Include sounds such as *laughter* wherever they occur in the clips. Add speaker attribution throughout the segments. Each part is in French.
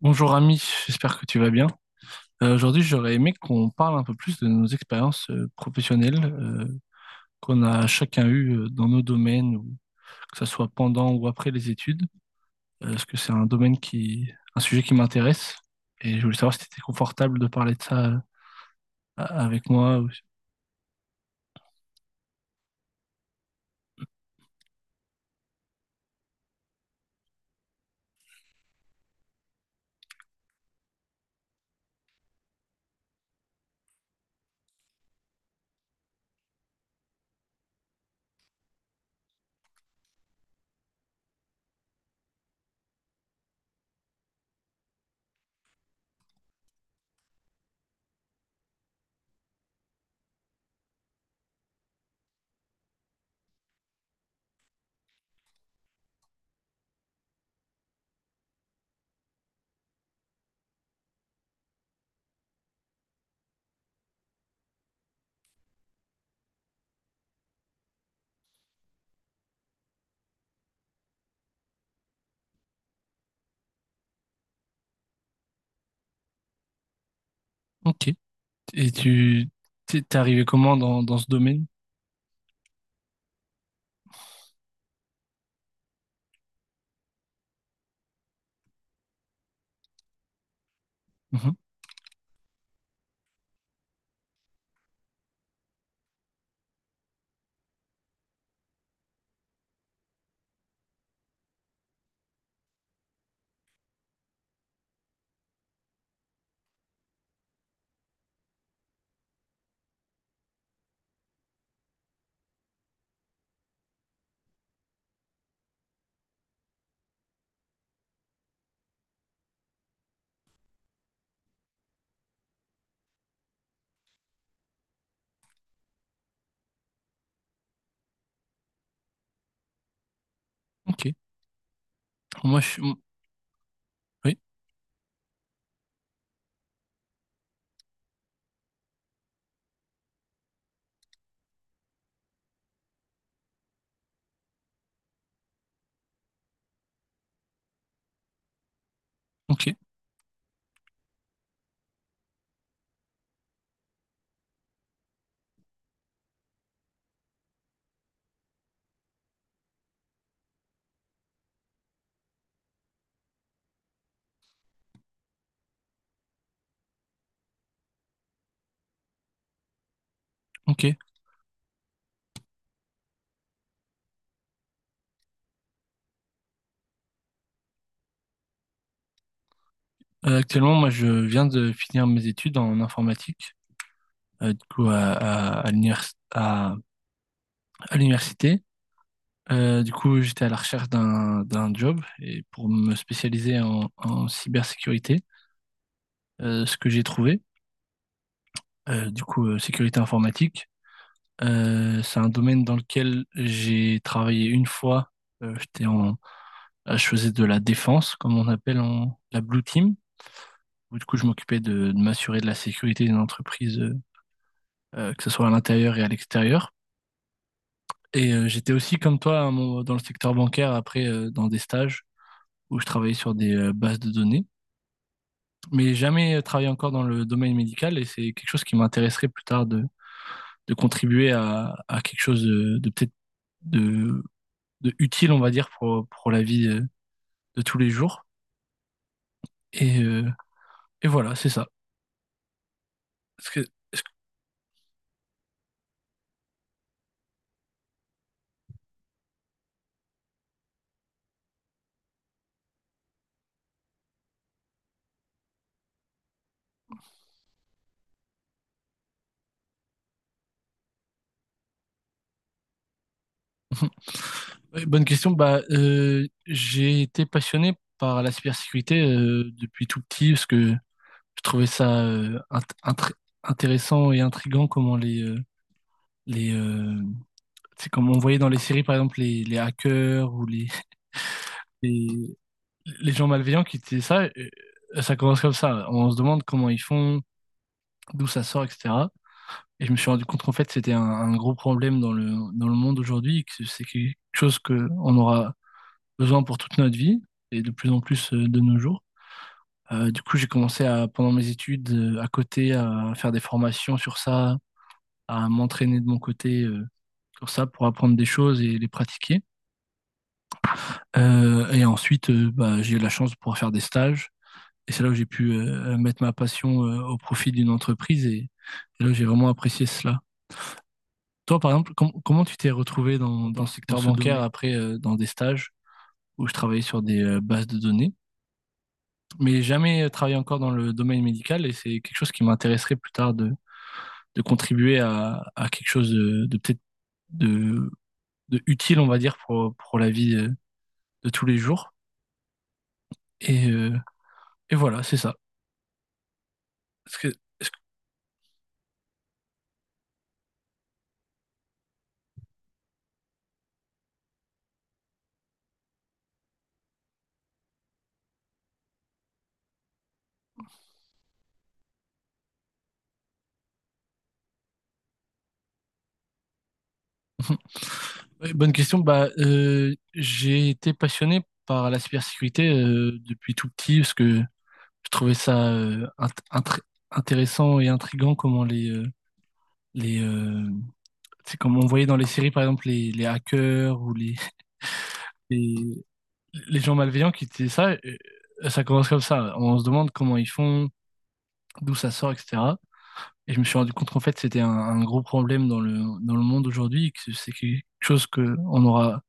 Speaker 1: Bonjour ami, j'espère que tu vas bien. Aujourd'hui, j'aurais aimé qu'on parle un peu plus de nos expériences professionnelles qu'on a chacun eues dans nos domaines, ou que ce soit pendant ou après les études, parce que c'est un un sujet qui m'intéresse, et je voulais savoir si tu étais confortable de parler de ça avec moi. Ok. Et tu t'es t'es arrivé comment dans ce domaine? Mhm. Ok. Moi, je suis... Oui, ok, ok. Actuellement, moi, je viens de finir mes études en informatique. euh, du coup, à, à, à l'univers- à- à l'université. J'étais à la recherche d'un job et pour me spécialiser en cybersécurité, ce que j'ai trouvé, sécurité informatique, c'est un domaine dans lequel j'ai travaillé une fois. J'étais je faisais de la défense, comme on la Blue Team. Du coup, je m'occupais de m'assurer de la sécurité d'une entreprise, que ce soit à l'intérieur et à l'extérieur. Et j'étais aussi comme toi hein, dans le secteur bancaire, après dans des stages où je travaillais sur des bases de données, mais jamais travaillé encore dans le domaine médical, et c'est quelque chose qui m'intéresserait plus tard, de contribuer à quelque chose de, de utile, on va dire, pour la vie de tous les jours. Et, euh, et voilà, c'est ça. Est-ce que- est-ce que- *laughs* Ouais, bonne question. Bah, j'ai été passionné par la cybersécurité depuis tout petit parce que je trouvais ça intéressant et intriguant, comment les c'est comme on voyait dans les séries, par exemple les hackers ou *laughs* les les gens malveillants qui faisaient ça. Ça commence comme ça, on se demande comment ils font, d'où ça sort, etc. Et je me suis rendu compte qu'en fait, c'était un gros problème dans le monde aujourd'hui, et que c'est quelque chose que on aura besoin pour toute notre vie, et de plus en plus de nos jours. Du coup, j'ai commencé à, pendant mes études à côté, à faire des formations sur ça, à m'entraîner de mon côté sur ça pour apprendre des choses et les pratiquer. Et ensuite, bah, j'ai eu la chance de pouvoir faire des stages. Et c'est là où j'ai pu mettre ma passion au profit d'une entreprise. Et là, j'ai vraiment apprécié cela. Toi, par exemple, comment tu t'es retrouvé le secteur dans bancaire domaine. Après dans des stages où je travaillais sur des bases de données, mais jamais travaillé encore dans le domaine médical, et c'est quelque chose qui m'intéresserait plus tard, de contribuer à, quelque chose de peut-être de, de, utile, on va dire, pour la vie de tous les jours. Et, euh, et voilà, c'est ça. Est-ce que- est-ce que- *laughs* Ouais, bonne question. Bah, j'ai été passionné par la cybersécurité depuis tout petit parce que je trouvais ça intéressant et intriguant, comment les c'est comme on voyait dans les séries, par exemple les hackers ou *laughs* les les gens malveillants qui faisaient ça. Ça commence comme ça. On se demande comment ils font, d'où ça sort, etc. Et je me suis rendu compte qu'en fait, c'était un gros problème dans le monde aujourd'hui, que c'est quelque chose qu'on aura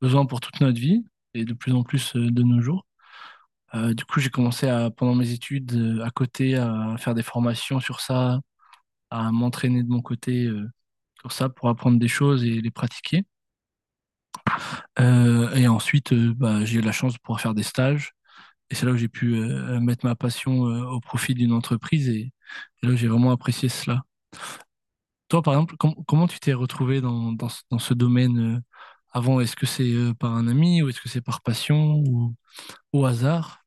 Speaker 1: besoin pour toute notre vie, et de plus en plus de nos jours. Du coup, j'ai commencé à, pendant mes études, à côté, à faire des formations sur ça, à m'entraîner de mon côté sur ça pour apprendre des choses et les pratiquer. Et ensuite, bah, j'ai eu la chance de pouvoir faire des stages. Et c'est là où j'ai pu mettre ma passion au profit d'une entreprise. Et là, j'ai vraiment apprécié cela. Toi, par exemple, comment tu t'es retrouvé dans ce domaine avant? Est-ce que c'est par un ami, ou est-ce que c'est par passion, ou au hasard?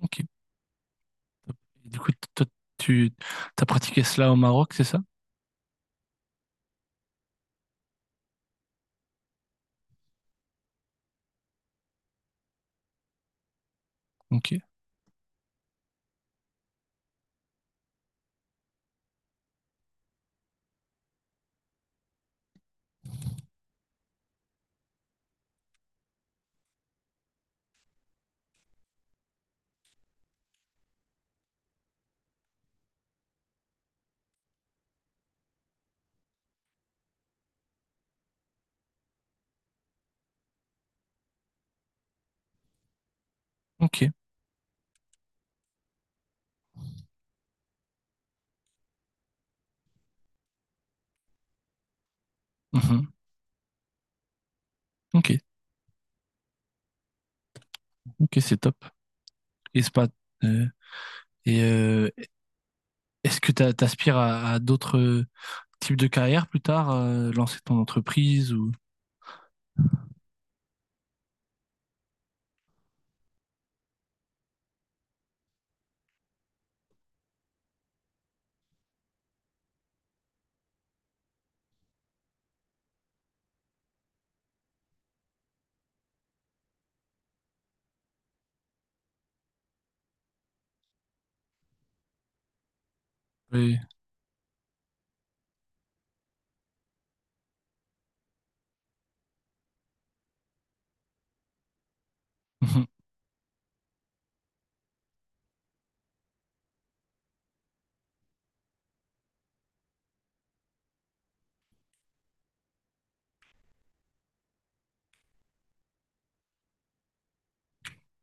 Speaker 1: Ok. Et du coup, toi, tu as pratiqué cela au Maroc, c'est ça? Ok. Ok. Mhm. Ok. Ok, c'est top. Et c'est pas. euh, et euh, Est-ce que tu aspires à d'autres types de carrières plus tard, lancer ton entreprise ou. Oui. Mhm.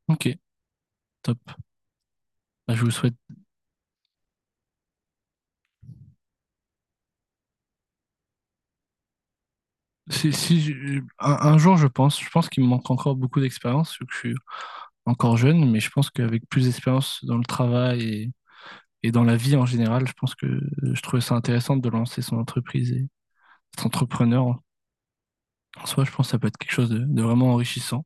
Speaker 1: Ok. Top. Bah, je vous souhaite. Si, un jour, je pense qu'il me manque encore beaucoup d'expérience, vu que je suis encore jeune, mais je pense qu'avec plus d'expérience dans le travail et dans la vie en général, je pense que je trouvais ça intéressant de lancer son entreprise et être entrepreneur. En soi, je pense que ça peut être quelque chose de vraiment enrichissant.